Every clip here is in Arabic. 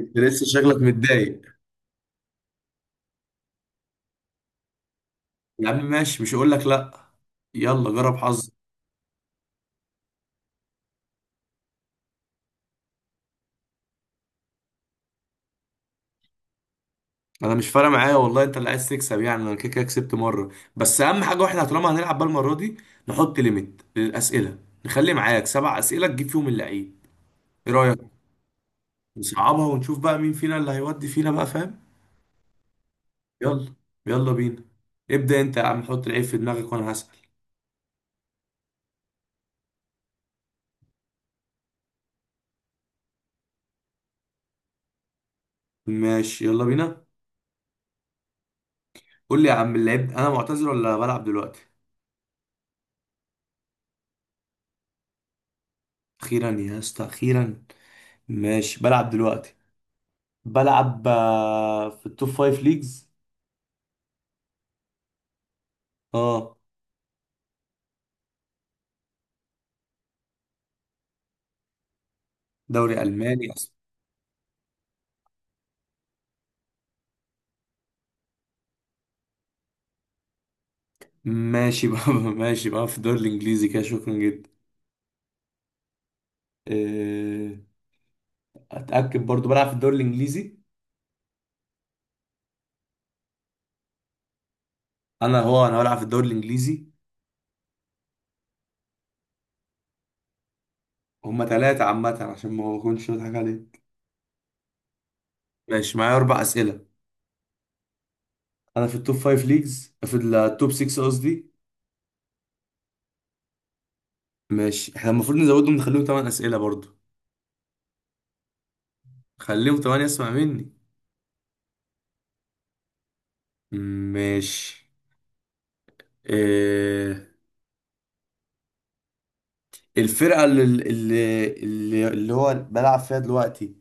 انت لسه شكلك متضايق. يا عم ماشي، مش هقول لك لا. يلا جرب حظ. انا مش فارق معايا والله، انت اللي عايز تكسب. يعني انا كده كده كسبت مره، بس اهم حاجه واحنا طالما هنلعب بقى المره دي نحط ليميت للاسئله. نخلي معاك سبع اسئله تجيب فيهم اللعيب. ايه رايك؟ نصعبها ونشوف بقى مين فينا اللي هيودي فينا بقى، فاهم؟ يلا يلا بينا. ابدا انت يا عم، حط العيب في دماغك وانا هسال. ماشي يلا بينا. قول لي يا عم اللعيب، انا معتذر ولا بلعب دلوقتي؟ اخيرا يا اسطى اخيرا. ماشي بلعب دلوقتي. بلعب في التوب فايف ليجز. اه، دوري الماني اصلا. ماشي بقى ماشي بقى في الدوري الانجليزي كده، شكرا جدا. آه، اتاكد برضو بلعب في الدوري الانجليزي. انا هو انا بلعب في الدوري الانجليزي. هما ثلاثة عامة عشان ما اكونش بضحك عليك. ماشي معايا اربع اسئلة. انا في التوب فايف ليجز، في التوب 6 قصدي. ماشي احنا المفروض نزودهم نخليهم ثمان اسئلة برضو. خليهم ثمانية اسمع مني. ماشي. إيه الفرقة اللي هو بلعب فيها دلوقتي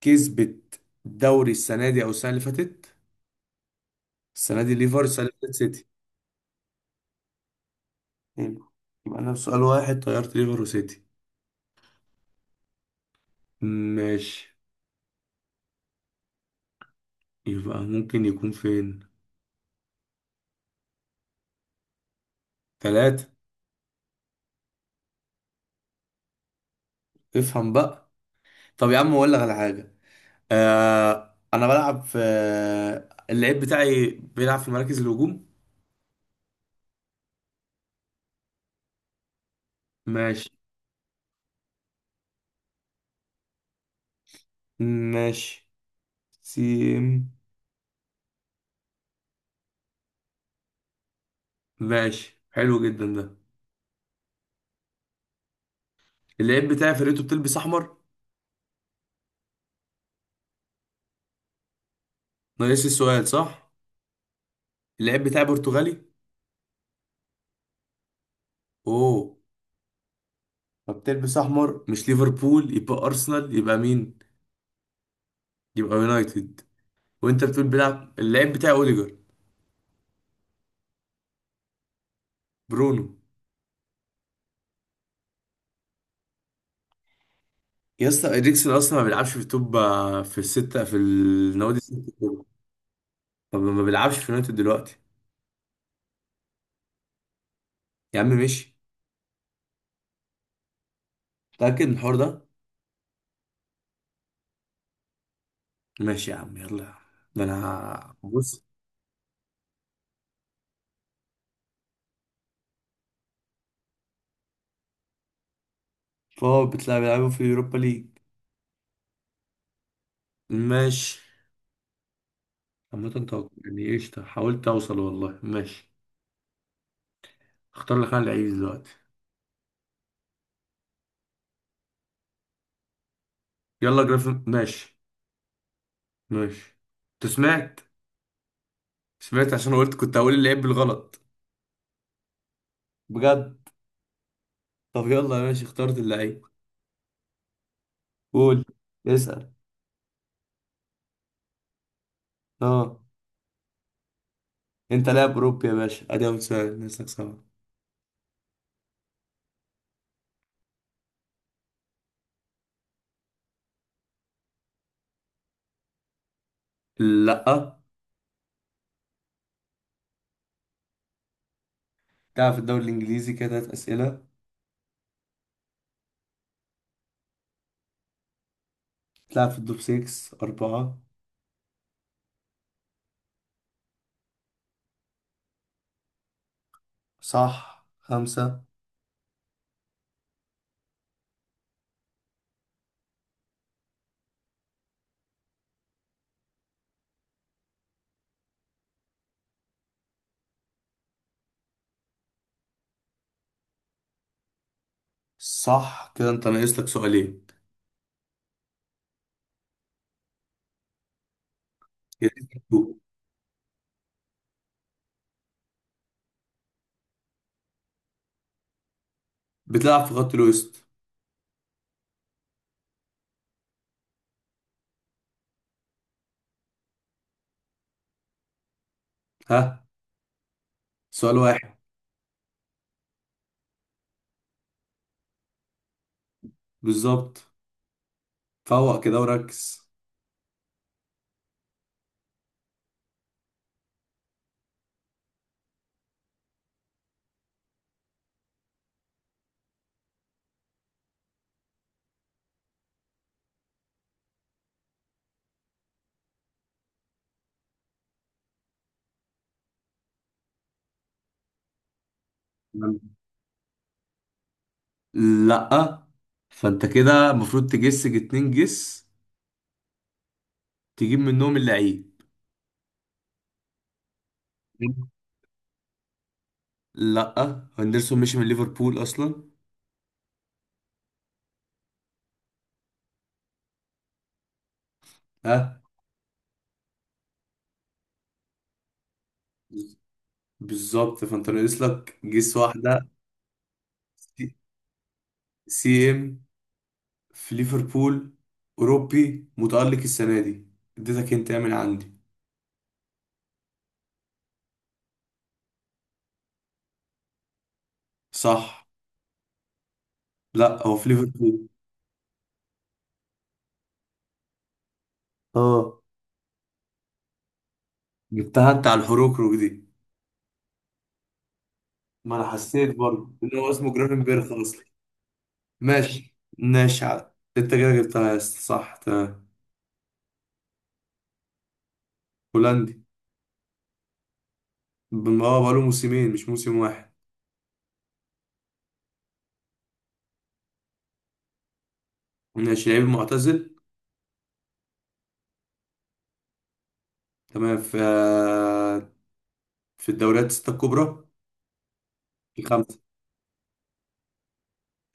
كسبت الدوري السنة دي أو السنة اللي فاتت؟ السنة دي ليفر، السنة اللي فاتت سيتي. حلو. يبقى أنا بسؤال واحد طيرت ليفر وسيتي. ماشي. يبقى ممكن يكون فين؟ تلاتة. افهم بقى. طب يا عم أقول لك على حاجة. آه أنا بلعب في، اللعيب بتاعي بيلعب في مراكز الهجوم. ماشي. ماشي سيم. ماشي حلو جدا ده. اللعيب بتاعي فرقته بتلبس أحمر. ناقص السؤال صح. اللاعب بتاعي برتغالي. اوه. فبتلبس احمر، مش ليفربول يبقى ارسنال، يبقى مين؟ يبقى يونايتد. وانت بتقول بيلعب اللاعب بتاعي اوديجر. برونو. يا اسطى اريكسن اصلا ما بيلعبش في التوب في الستة، في النوادي الستة الكبرى. طب ما بيلعبش في يونايتد دلوقتي. يا عم ماشي. متأكد من الحوار ده. ماشي يا عم يلا يا عم. ده انا بص. فهو بتلعب بيلعبوا في اليوروبا ليج. ماشي. عامة توقع يعني قشطة، حاولت اوصل والله. ماشي. اختار لك انا العيب دلوقتي. يلا جرافيك ماشي. ماشي. انت سمعت؟ سمعت عشان قلت كنت هقول اللعيب بالغلط. بجد. طب يلا ماشي اخترت اللعيب. قول. اسأل. اه. انت لاعب اوروبي يا باشا، ادي اول سؤال نسألك صعب. لا. تلعب في الدوري الانجليزي كده تلات اسئلة. تلعب في التوب 6 اربعة. صح خمسة. صح كده انت ناقص لك سؤالين. يا ريت تفوق. بتلعب في خط الوسط. ها؟ سؤال واحد. بالظبط. فوق كده وركز. لأ. فأنت كده المفروض تجس اتنين جس، تجيب منهم اللعيب. لأ هندرسون مشي من ليفربول أصلا. ها. بالظبط. فأنت ناقص لك جس واحدة. سي سي إم في ليفربول، أوروبي متألق السنة دي. اديتك انت من عندي. صح. لأ هو في ليفربول. اه. جبتها انت على الحروكروك دي. ما انا حسيت برضه ان هو اسمه جرافنبرخ اصلا. ماشي ماشي انت كده جبتها يا اسطى صح تمام. هولندي. اه بقاله موسمين مش موسم واحد. ماشي. لعيب معتزل. تمام. في في الدوريات الستة الكبرى. الخمسة.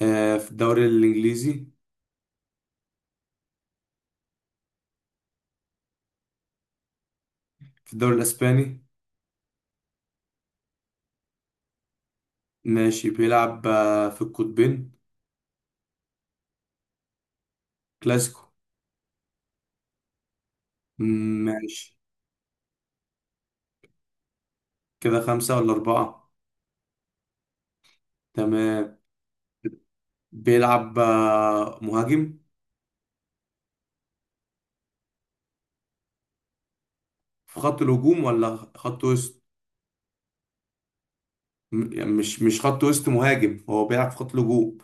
في الدوري الإنجليزي. في الدوري الأسباني. ماشي. بيلعب في القطبين. كلاسيكو. ماشي. كده خمسة ولا أربعة؟ تمام. بيلعب مهاجم. في خط الهجوم ولا خط وسط؟ يعني مش خط وسط، مهاجم هو بيلعب في خط الهجوم.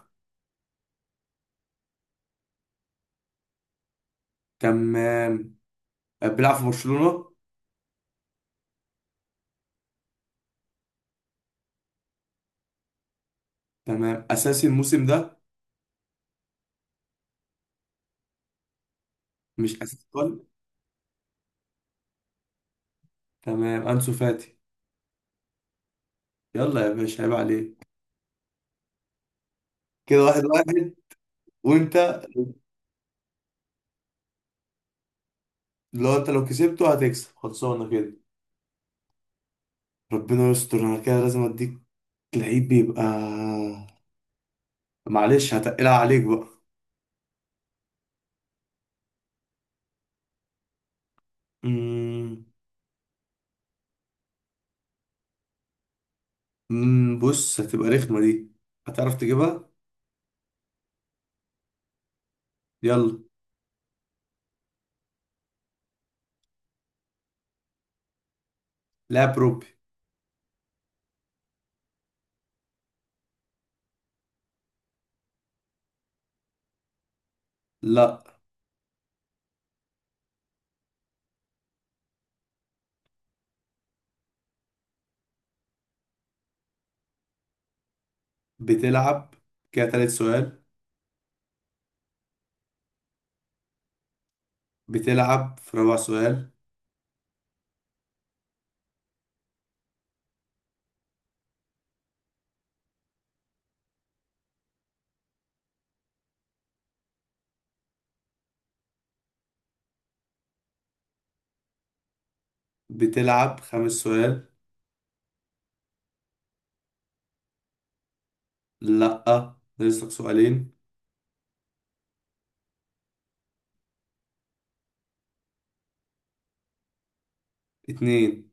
تمام. بيلعب في برشلونة. تمام. اساسي الموسم ده. مش اساسي خالص. تمام. انسو فاتي. يلا يا باشا عيب عليك. كده واحد واحد. وانت لو انت لو كسبته هتكسب خلصانه كده. ربنا يستر. انا كده لازم اديك لعيب بيبقى، معلش هتقلها عليك بقى. امم أمم، بص هتبقى رخمه دي، هتعرف تجيبها. يلا. لاعب روبي. لا. بتلعب كده تالت سؤال. بتلعب في رابع سؤال. بتلعب خمس سؤال. لأ ناقصلك سؤالين. اتنين.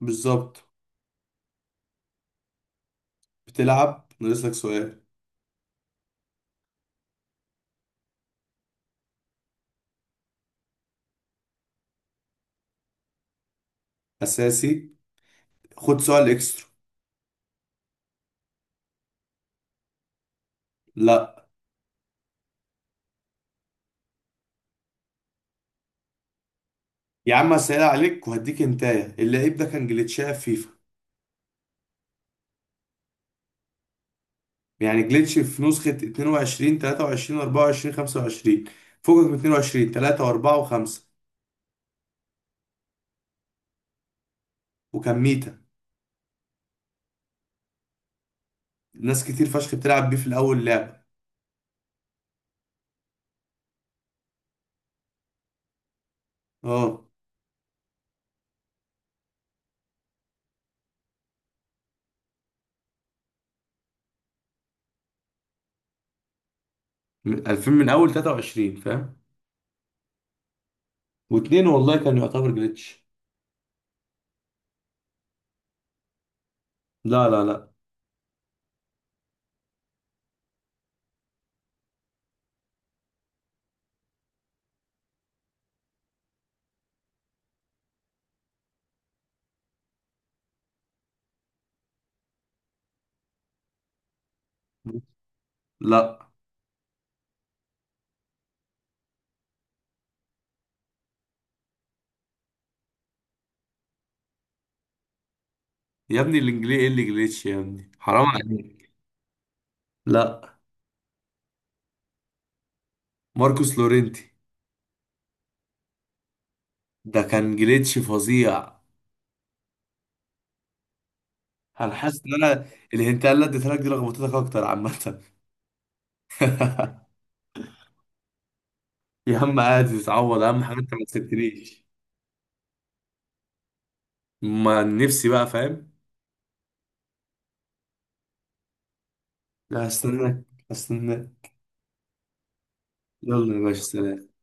بالظبط. بتلعب ناقصلك سؤال. أساسي، خد سؤال إكسترا. لأ. يا عم هسهل عليك وهديك انتايه، اللعيب ده كان جليتشاه في فيفا. يعني جليتش في نسخة 22 23 24 25. فوقك من 22 3 و4 و5. وكان ميتا. ناس كتير فشخ بتلعب بيه في الأول لعبة. اه من 2000 من أول 23 فاهم؟ واتنين والله كان يعتبر جليتش. لا لا لا. لا يا ابني، الانجليزي ايه اللي جليتش؟ يا ابني حرام عليك. لا. ماركوس لورينتي. ده كان جليتش فظيع. انا حاسس ان انا الهنتايه اللي اديتها لك دي لخبطتك اكتر عامه يا عم عادي تتعوض، اهم حاجه انت ما تسيبتنيش. ما نفسي بقى فاهم. لا هستناك. هستناك. يلا يا باشا سلام.